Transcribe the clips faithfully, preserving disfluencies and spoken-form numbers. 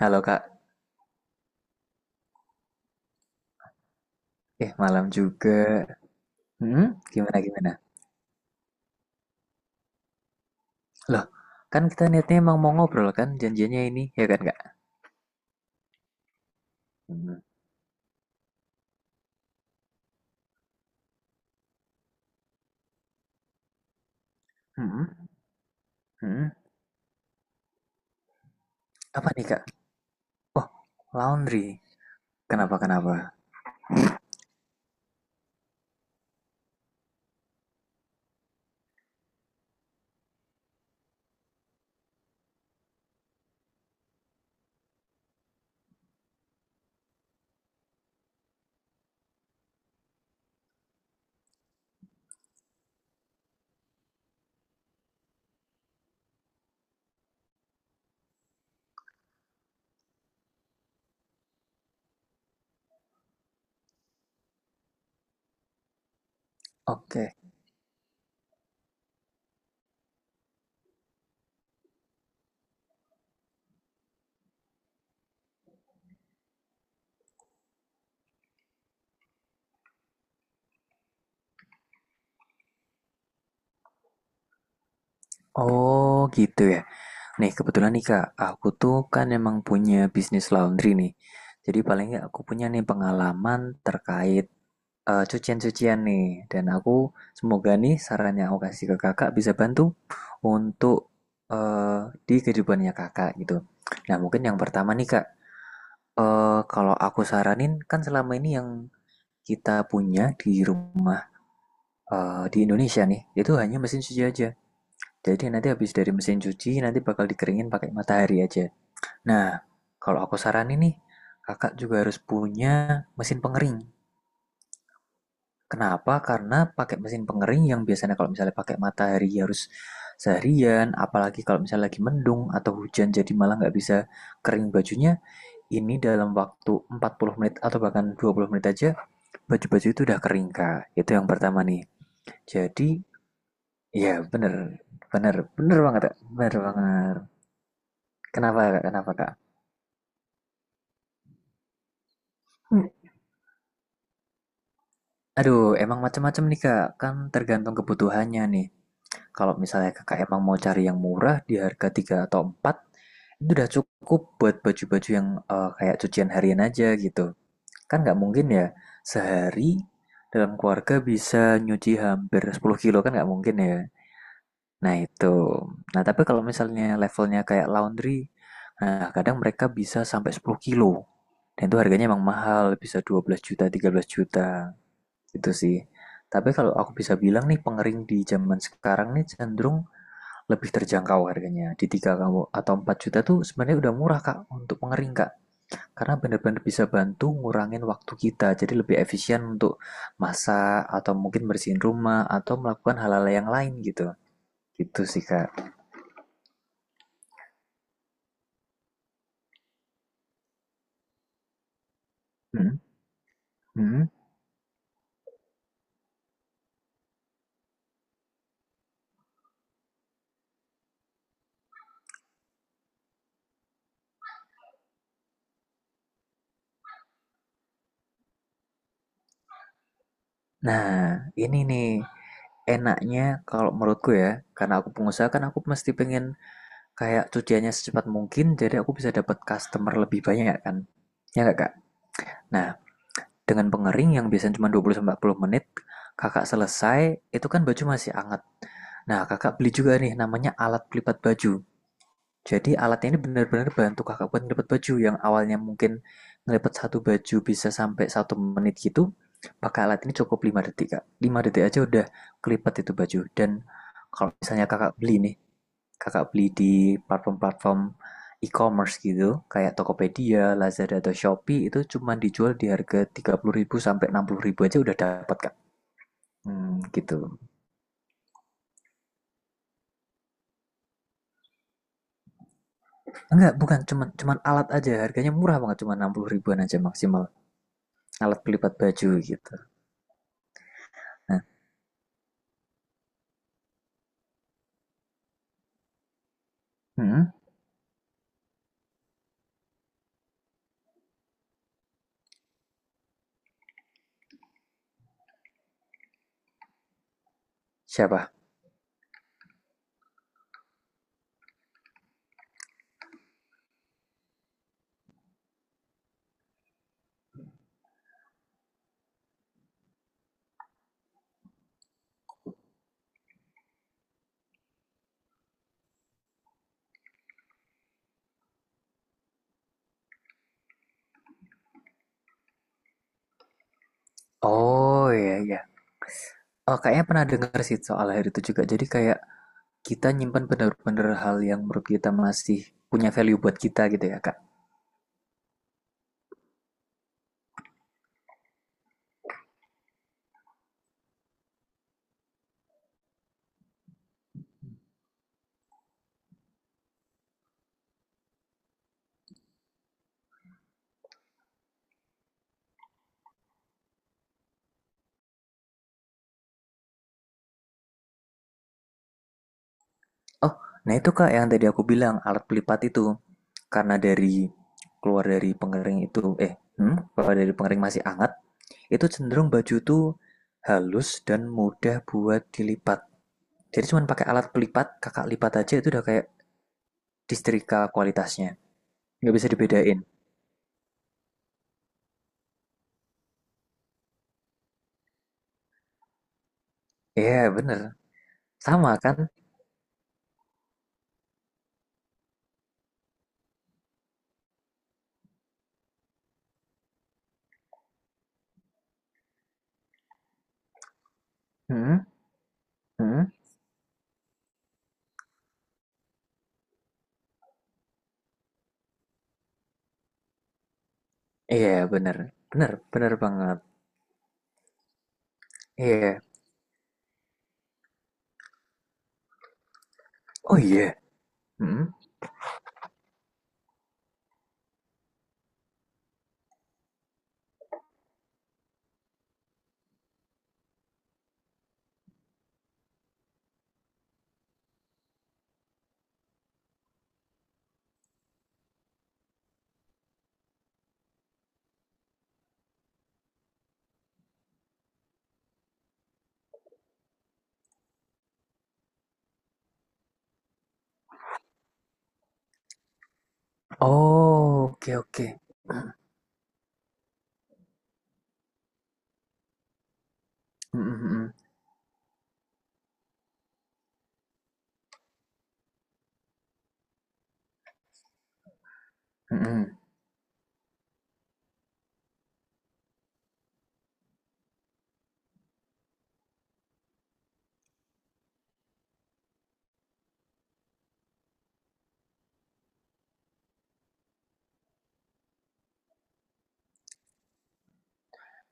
Halo Kak, eh malam juga. Hmm, gimana gimana? Loh, kan kita niatnya emang mau ngobrol kan janjiannya ini, ya kan Kak? Hmm, hmm, hmm. Apa nih Kak? Oh, laundry. Kenapa kenapa? Oke. Oh, gitu ya. Nih, kebetulan nih Kak, aku tuh kan emang punya bisnis laundry nih. Jadi paling nggak aku punya nih pengalaman terkait eh, cucian-cucian nih. Dan aku semoga nih saran yang aku kasih ke kakak bisa bantu untuk eh, di kehidupannya kakak gitu. Nah mungkin yang pertama nih kak, eh, kalau aku saranin kan selama ini yang kita punya di rumah eh, di Indonesia nih, itu hanya mesin cuci aja. Jadi nanti habis dari mesin cuci nanti bakal dikeringin pakai matahari aja. Nah kalau aku saranin nih, kakak juga harus punya mesin pengering. Kenapa? Karena pakai mesin pengering yang biasanya kalau misalnya pakai matahari harus seharian, apalagi kalau misalnya lagi mendung atau hujan jadi malah nggak bisa kering bajunya, ini dalam waktu empat puluh menit atau bahkan dua puluh menit aja, baju-baju itu udah kering, Kak. Itu yang pertama nih. Jadi, ya bener, bener, bener banget, Kak. Bener banget. Kenapa, Kak? Kenapa, Kak? Aduh, emang macam-macam nih, Kak. Kan tergantung kebutuhannya nih. Kalau misalnya kakak emang mau cari yang murah di harga tiga atau empat itu udah cukup buat baju-baju yang eh, kayak cucian harian aja gitu. Kan nggak mungkin ya sehari dalam keluarga bisa nyuci hampir sepuluh kilo kan nggak mungkin ya. Nah itu. Nah tapi kalau misalnya levelnya kayak laundry, nah kadang mereka bisa sampai sepuluh kilo. Dan itu harganya emang mahal, bisa dua belas juta, tiga belas juta gitu sih. Tapi kalau aku bisa bilang nih pengering di zaman sekarang nih cenderung lebih terjangkau harganya. Di tiga kamu atau empat juta tuh sebenarnya udah murah Kak untuk mengering Kak. Karena benar-benar bisa bantu ngurangin waktu kita. Jadi lebih efisien untuk masak atau mungkin bersihin rumah atau melakukan hal-hal yang lain gitu. Gitu sih Kak. Hmm, hmm. Nah, ini nih enaknya kalau menurutku ya, karena aku pengusaha kan aku mesti pengen kayak cuciannya secepat mungkin jadi aku bisa dapat customer lebih banyak kan. Ya nggak Kak? Nah, dengan pengering yang biasanya cuma dua puluh empat puluh menit, Kakak selesai, itu kan baju masih hangat. Nah, Kakak beli juga nih namanya alat pelipat baju. Jadi alat ini benar-benar bantu Kakak buat ngelipat baju yang awalnya mungkin ngelipat satu baju bisa sampai satu menit gitu. Pakai alat ini cukup lima detik, Kak. Lima detik aja udah kelipat itu baju. Dan kalau misalnya Kakak beli nih, Kakak beli di platform-platform e-commerce gitu, kayak Tokopedia, Lazada, atau Shopee, itu cuma dijual di harga tiga puluh ribu sampai enam puluh ribu aja udah dapat, Kak. Hmm, gitu. Enggak, bukan cuman cuman alat aja, harganya murah banget, cuma enam puluh ribuan aja maksimal. Alat pelipat baju gitu. Nah, hmm, siapa? Oh iya iya. Oh, kayaknya pernah dengar sih soal hal itu juga. Jadi kayak kita nyimpan bener-bener hal yang menurut kita masih punya value buat kita gitu ya, Kak. Oh, nah itu Kak yang tadi aku bilang alat pelipat itu karena dari keluar dari pengering itu eh hmm, keluar dari pengering masih hangat itu cenderung baju tuh halus dan mudah buat dilipat. Jadi cuma pakai alat pelipat, kakak lipat aja itu udah kayak disetrika kualitasnya. Nggak bisa dibedain. Iya bener. Sama kan? Hmm? Hmm? Iya bener. Bener, bener banget. Iya. Oh iya. Hmm? Oh, oke oke. Hmm, hmm, hmm, hmm, hmm.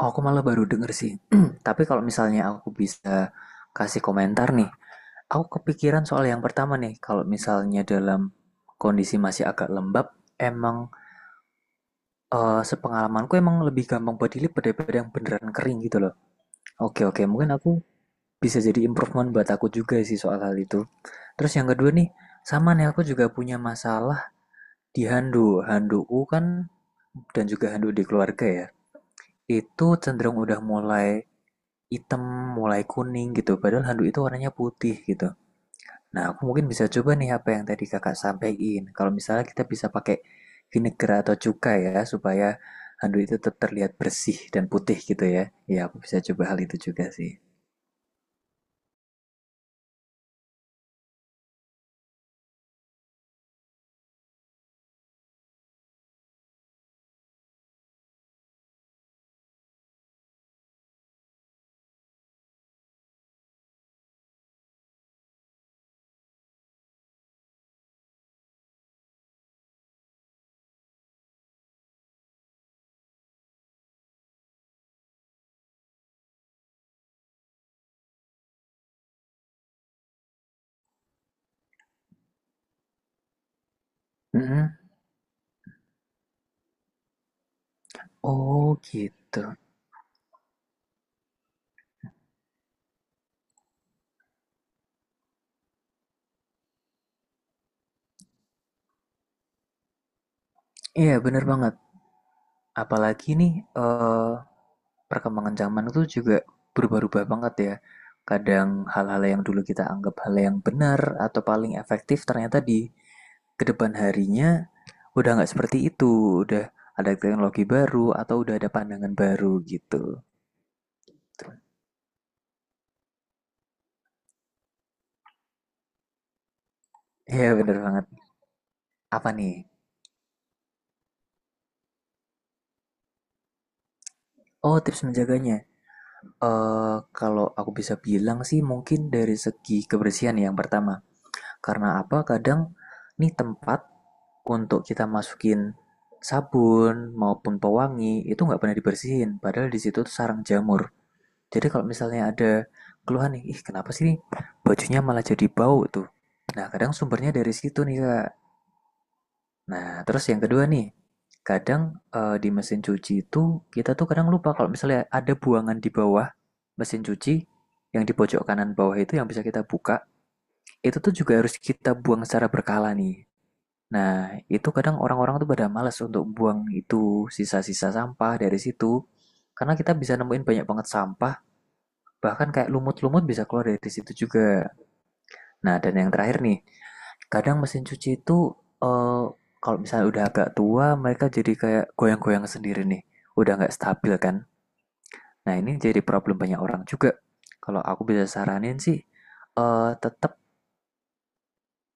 Oh, aku malah baru denger sih. Tapi kalau misalnya aku bisa kasih komentar nih, aku kepikiran soal yang pertama nih. Kalau misalnya dalam kondisi masih agak lembab, emang eh, sepengalamanku emang lebih gampang body lip daripada yang beneran kering gitu loh. Oke oke, mungkin aku bisa jadi improvement buat aku juga sih soal hal itu. Terus yang kedua nih, sama nih aku juga punya masalah di handuk. Handukku kan dan juga handuk di keluarga ya. Itu cenderung udah mulai hitam, mulai kuning gitu. Padahal handuk itu warnanya putih gitu. Nah, aku mungkin bisa coba nih apa yang tadi kakak sampaikan. Kalau misalnya kita bisa pakai vinegar atau cuka ya, supaya handuk itu tetap terlihat bersih dan putih gitu ya. Ya, aku bisa coba hal itu juga sih. Mm-mm. Oh gitu. Iya, bener banget. Apalagi nih, eee, perkembangan zaman itu juga berubah-ubah banget ya. Kadang hal-hal yang dulu kita anggap hal yang benar atau paling efektif ternyata di kedepan harinya udah nggak seperti itu, udah ada teknologi baru atau udah ada pandangan baru gitu. Iya bener banget. Apa nih? Oh tips menjaganya, eee, kalau aku bisa bilang sih mungkin dari segi kebersihan yang pertama. Karena apa? Kadang nih tempat untuk kita masukin sabun maupun pewangi itu nggak pernah dibersihin. Padahal di situ tuh sarang jamur. Jadi kalau misalnya ada keluhan nih, ih kenapa sih nih bajunya malah jadi bau tuh. Nah kadang sumbernya dari situ nih kak. Nah terus yang kedua nih, kadang eh, di mesin cuci itu kita tuh kadang lupa kalau misalnya ada buangan di bawah mesin cuci yang di pojok kanan bawah itu yang bisa kita buka, itu tuh juga harus kita buang secara berkala nih. Nah, itu kadang orang-orang tuh pada malas untuk buang itu sisa-sisa sampah dari situ. Karena kita bisa nemuin banyak banget sampah, bahkan kayak lumut-lumut bisa keluar dari situ juga. Nah, dan yang terakhir nih, kadang mesin cuci itu eh, kalau misalnya udah agak tua, mereka jadi kayak goyang-goyang sendiri nih. Udah nggak stabil kan? Nah, ini jadi problem banyak orang juga. Kalau aku bisa saranin sih, eh tetap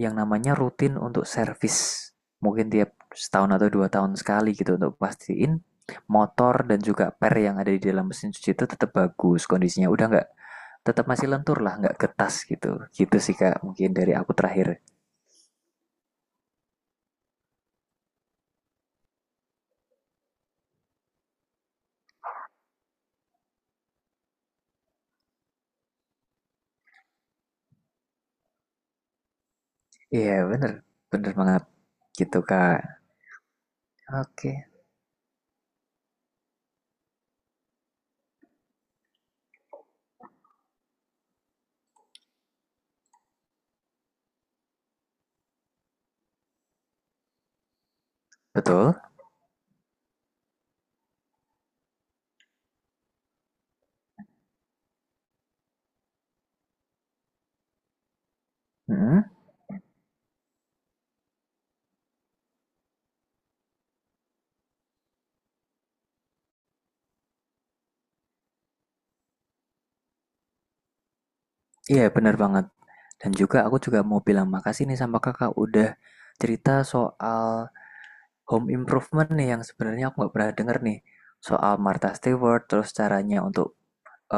yang namanya rutin untuk servis. Mungkin tiap setahun atau dua tahun sekali gitu untuk pastiin motor dan juga per yang ada di dalam mesin cuci itu tetap bagus kondisinya. Udah nggak tetap masih lentur lah, nggak getas gitu. Gitu sih kak, mungkin dari aku terakhir. Iya bener, bener banget gitu kak. Oke. Betul? Mm. Iya bener banget. Dan juga aku juga mau bilang makasih nih sama kakak udah cerita soal Home Improvement nih yang sebenarnya aku nggak pernah denger nih soal Martha Stewart, terus caranya untuk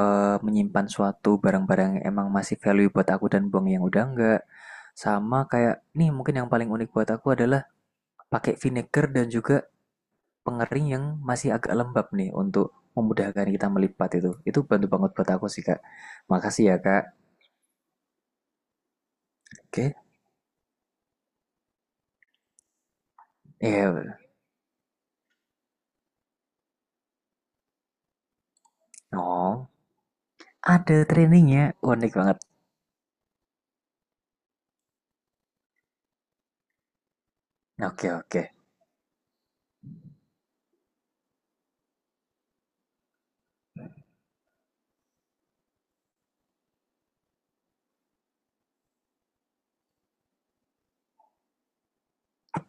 eh, menyimpan suatu barang-barang yang emang masih value buat aku dan buang yang udah enggak. Sama kayak nih mungkin yang paling unik buat aku adalah pakai vinegar dan juga pengering yang masih agak lembab nih untuk memudahkan kita melipat itu. Itu bantu banget buat aku sih Kak. Makasih ya Kak. Oke. Ya. Oh, ada trainingnya. Unik banget. Oke, oke.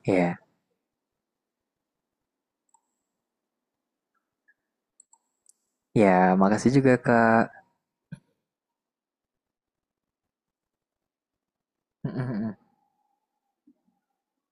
Ya. Ya, makasih juga Kak.